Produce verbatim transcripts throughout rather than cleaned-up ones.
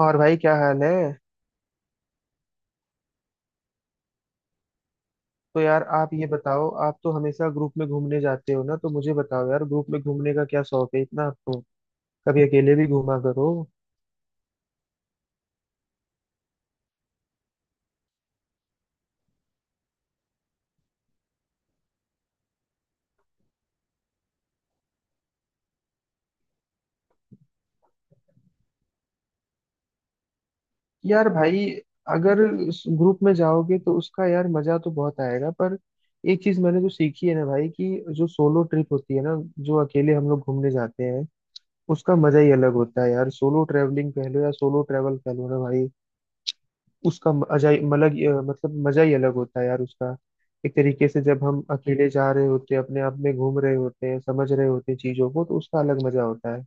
और भाई क्या हाल है। तो यार आप ये बताओ, आप तो हमेशा ग्रुप में घूमने जाते हो ना, तो मुझे बताओ यार, ग्रुप में घूमने का क्या शौक है इतना आपको। कभी अकेले भी घूमा करो। यार भाई अगर ग्रुप में जाओगे तो उसका यार मजा तो बहुत आएगा, पर एक चीज मैंने जो सीखी है ना भाई, कि जो सोलो ट्रिप होती है ना, जो अकेले हम लोग घूमने जाते हैं, उसका मजा ही अलग होता है यार। सोलो ट्रेवलिंग कह लो या सोलो ट्रेवल कह लो ना भाई, उसका म- अजाई मलग मतलब मजा ही अलग होता है यार उसका। एक तरीके से जब हम अकेले जा रहे होते हैं, अपने आप में घूम रहे होते हैं, समझ रहे होते हैं चीजों को, तो उसका अलग मजा होता है।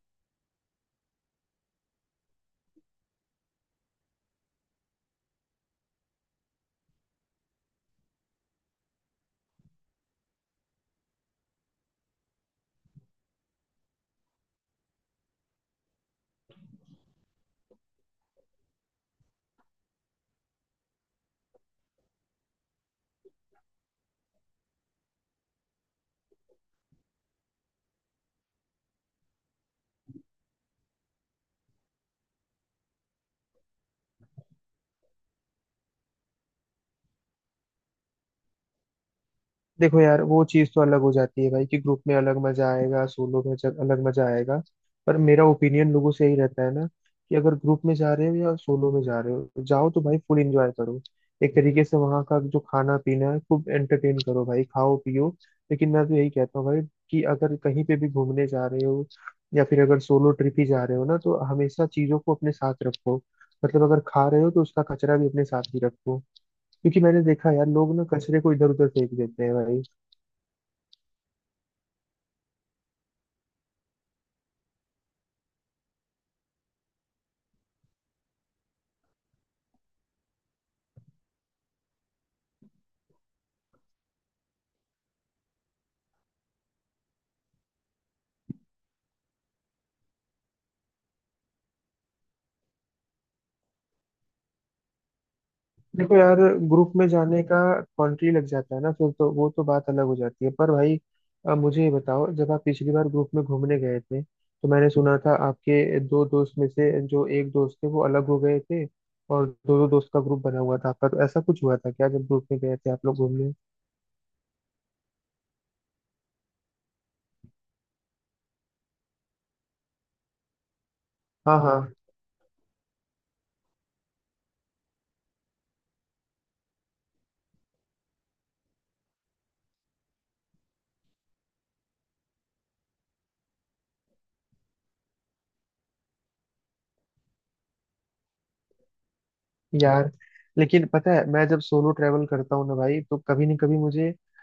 देखो यार वो चीज तो अलग हो जाती है भाई, कि ग्रुप में अलग मजा आएगा, सोलो में जब अलग मजा आएगा। पर मेरा ओपिनियन लोगों से यही रहता है ना, कि अगर ग्रुप में जा रहे हो या सोलो में जा रहे हो, जाओ तो भाई फुल एंजॉय करो। एक तरीके से वहाँ का जो खाना पीना है खूब एंटरटेन करो भाई, खाओ पियो। लेकिन मैं तो यही कहता हूँ भाई, कि अगर कहीं पे भी घूमने जा रहे हो, या फिर अगर सोलो ट्रिप ही जा रहे हो ना, तो हमेशा चीजों को अपने साथ रखो। मतलब अगर खा रहे हो तो उसका कचरा भी अपने साथ ही रखो, क्योंकि मैंने देखा यार लोग ना कचरे को इधर उधर फेंक देते हैं भाई। देखो यार, ग्रुप में जाने का कॉन्ट्री लग जाता है ना, फिर तो वो तो बात अलग हो जाती है। पर भाई अ, मुझे ये बताओ, जब आप पिछली बार ग्रुप में घूमने गए थे, तो मैंने सुना था आपके दो दोस्त में से जो एक दोस्त थे वो अलग हो गए थे, और दो दो दोस्त का ग्रुप बना हुआ था आपका, तो ऐसा कुछ हुआ था क्या जब ग्रुप में गए थे आप लोग घूमने। हाँ हाँ। यार लेकिन पता है मैं जब सोलो ट्रैवल करता हूँ ना भाई, तो कभी न कभी मुझे अ,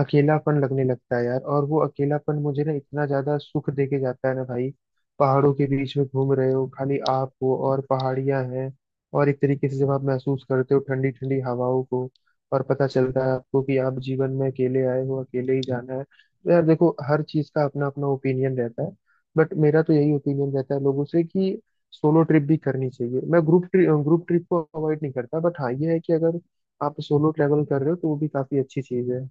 अकेलापन लगने लगता है यार, और वो अकेलापन मुझे ना इतना ज्यादा सुख दे के जाता है ना भाई। पहाड़ों के बीच में घूम रहे हो, खाली आप हो और पहाड़ियां हैं, और एक तरीके से जब आप महसूस करते हो ठंडी ठंडी हवाओं को, और पता चलता है आपको कि आप जीवन में अकेले आए हो अकेले ही जाना है, तो यार देखो हर चीज का अपना अपना ओपिनियन रहता है। बट मेरा तो यही ओपिनियन रहता है लोगों से कि सोलो ट्रिप भी करनी चाहिए। मैं ग्रुप ट्रिप ग्रुप ट्रिप को अवॉइड नहीं करता, बट हाँ ये है कि अगर आप सोलो ट्रैवल कर रहे हो तो वो भी काफी अच्छी चीज है।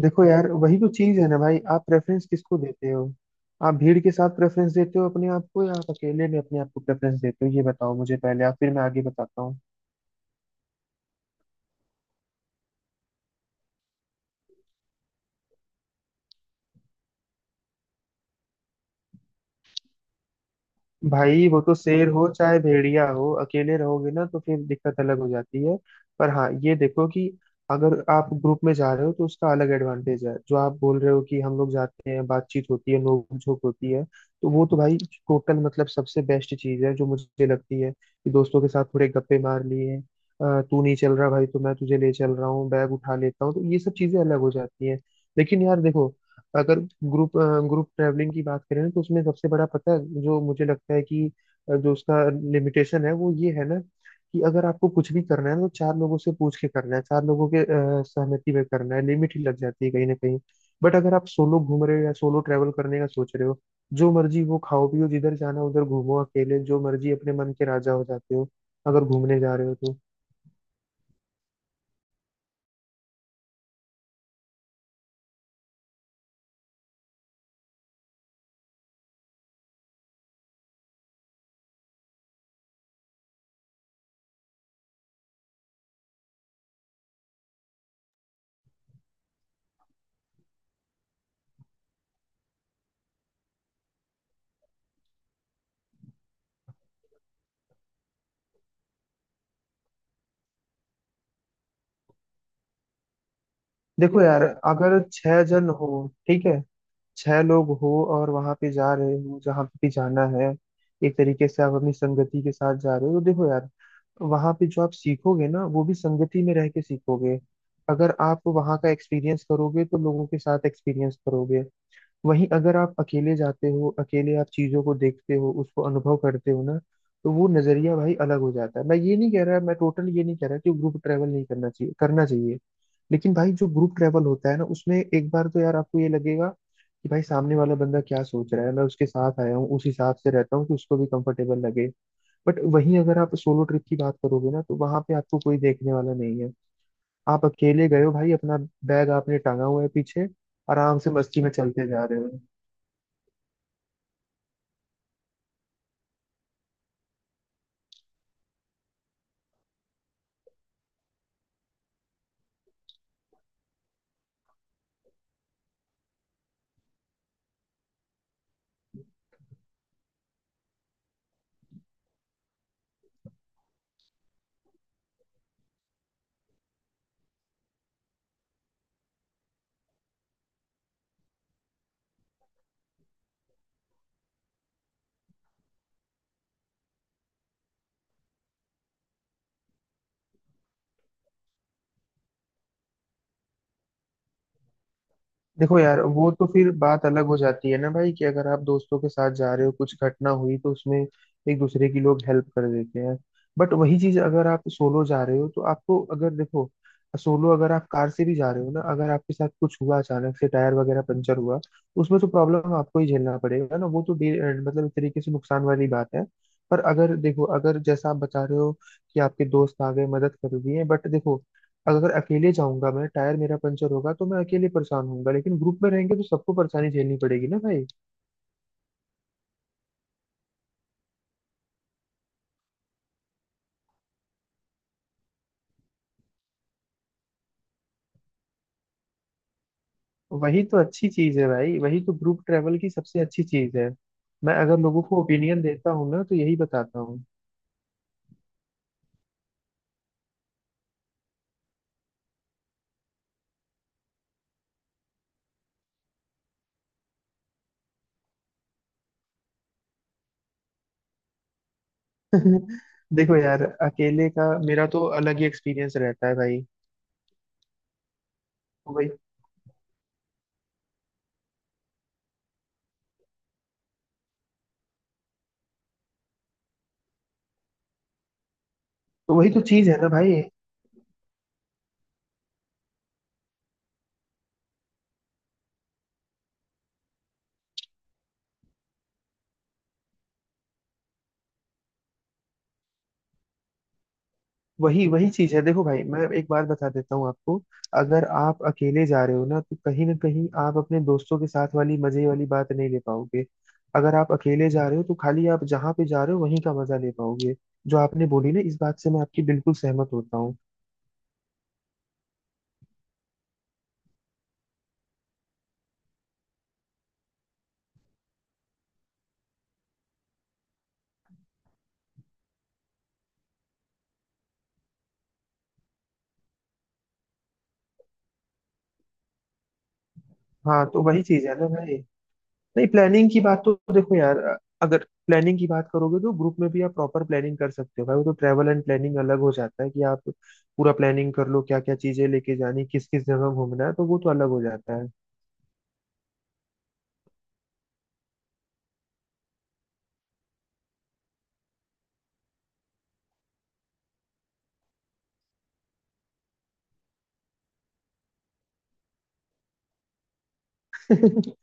देखो यार वही तो चीज है ना भाई, आप प्रेफरेंस किसको देते हो। आप भीड़ के साथ प्रेफरेंस देते हो अपने आप को, या आप अकेले में अपने आप को प्रेफरेंस देते हो, ये बताओ मुझे पहले आप, फिर मैं आगे बताता हूँ। भाई वो तो शेर हो चाहे भेड़िया हो, अकेले रहोगे ना तो फिर दिक्कत अलग हो जाती है। पर हाँ ये देखो कि अगर आप ग्रुप में जा रहे हो तो उसका अलग एडवांटेज है, जो आप बोल रहे हो कि हम लोग जाते हैं बातचीत होती है नोक झोंक होती है, तो वो तो भाई टोटल मतलब सबसे बेस्ट चीज है, जो मुझे लगती है कि दोस्तों के साथ थोड़े गप्पे मार लिए, अ, तू नहीं चल रहा भाई तो मैं तुझे ले चल रहा हूँ, बैग उठा लेता हूँ, तो ये सब चीजें अलग हो जाती हैं। लेकिन यार देखो, अगर ग्रुप ग्रुप ट्रैवलिंग की बात करें ना, तो उसमें सबसे बड़ा पता है जो मुझे लगता है कि अ, जो उसका लिमिटेशन है वो ये है ना, कि अगर आपको कुछ भी करना है ना, तो चार लोगों से पूछ के करना है, चार लोगों के अ, सहमति में करना है, लिमिट ही लग जाती है कहीं ना कहीं। बट अगर आप सोलो घूम रहे हो या सोलो ट्रैवल करने का सोच रहे हो, जो मर्जी वो खाओ पियो, जिधर जाना उधर घूमो अकेले, जो मर्जी अपने मन के राजा हो जाते हो अगर घूमने जा रहे हो तो। देखो यार अगर छह जन हो, ठीक है, छह लोग हो और वहां पे जा रहे हो जहाँ पे भी जाना है, एक तरीके से आप अपनी संगति के साथ जा रहे हो, तो देखो यार वहां पे जो आप सीखोगे ना वो भी संगति में रह के सीखोगे। अगर आप वहां का एक्सपीरियंस करोगे तो लोगों के साथ एक्सपीरियंस करोगे। वहीं अगर आप अकेले जाते हो, अकेले आप चीजों को देखते हो उसको अनुभव करते हो ना, तो वो नजरिया भाई अलग हो जाता है। मैं ये नहीं कह रहा, मैं टोटल ये नहीं कह रहा कि ग्रुप ट्रेवल नहीं करना चाहिए, करना चाहिए। लेकिन भाई जो ग्रुप ट्रेवल होता है ना, उसमें एक बार तो यार आपको ये लगेगा कि भाई सामने वाला बंदा क्या सोच रहा है, मैं उसके साथ आया हूँ उस हिसाब से रहता हूँ कि उसको भी कंफर्टेबल लगे। बट वहीं अगर आप सोलो ट्रिप की बात करोगे ना, तो वहां पे आपको कोई देखने वाला नहीं है। आप अकेले गए हो भाई, अपना बैग आपने टांगा हुआ है पीछे, आराम से मस्ती में चलते जा रहे हो। देखो यार वो तो फिर बात अलग हो जाती है ना भाई, कि अगर आप दोस्तों के साथ जा रहे हो कुछ घटना हुई तो उसमें एक दूसरे की लोग हेल्प कर देते हैं। बट वही चीज अगर आप सोलो जा रहे हो तो आपको, अगर देखो, सोलो अगर आप कार से भी जा रहे हो ना, अगर आपके साथ कुछ हुआ अचानक से टायर वगैरह पंचर हुआ, उसमें तो प्रॉब्लम आपको ही झेलना पड़ेगा ना। वो तो डे- मतलब एक तरीके से नुकसान वाली बात है। पर अगर देखो, अगर जैसा आप बता रहे हो कि आपके दोस्त आ गए मदद कर दिए, बट देखो अगर अकेले जाऊंगा मैं, टायर मेरा पंचर होगा तो मैं अकेले परेशान होऊंगा, लेकिन ग्रुप में रहेंगे तो सबको परेशानी झेलनी पड़ेगी ना भाई। वही तो अच्छी चीज है भाई, वही तो ग्रुप ट्रेवल की सबसे अच्छी चीज है। मैं अगर लोगों को ओपिनियन देता हूँ ना, तो यही बताता हूँ। देखो यार अकेले का मेरा तो अलग ही एक्सपीरियंस रहता है भाई। तो वही तो वही तो चीज है ना भाई। वही वही चीज है, देखो भाई मैं एक बात बता देता हूँ आपको। अगर आप अकेले जा रहे हो ना, तो कहीं ना कहीं आप अपने दोस्तों के साथ वाली मजे वाली बात नहीं ले पाओगे। अगर आप अकेले जा रहे हो तो खाली आप जहाँ पे जा रहे हो वहीं का मजा ले पाओगे। जो आपने बोली ना, इस बात से मैं आपकी बिल्कुल सहमत होता हूँ। हाँ तो वही चीज है ना भाई। नहीं, प्लानिंग की बात तो देखो यार, अगर प्लानिंग की बात करोगे तो ग्रुप में भी आप प्रॉपर प्लानिंग कर सकते हो भाई, वो तो ट्रैवल एंड प्लानिंग अलग हो जाता है, कि आप पूरा प्लानिंग कर लो क्या क्या चीजें लेके जानी, किस किस जगह घूमना है, तो वो तो अलग हो जाता है।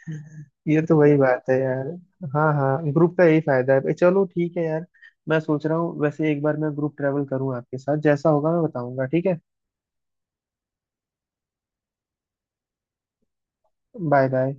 ये तो वही बात है यार। हाँ हाँ, ग्रुप का यही फायदा है। चलो ठीक है यार, मैं सोच रहा हूँ वैसे एक बार मैं ग्रुप ट्रैवल करूँ आपके साथ, जैसा होगा मैं बताऊंगा, ठीक है। Bye bye.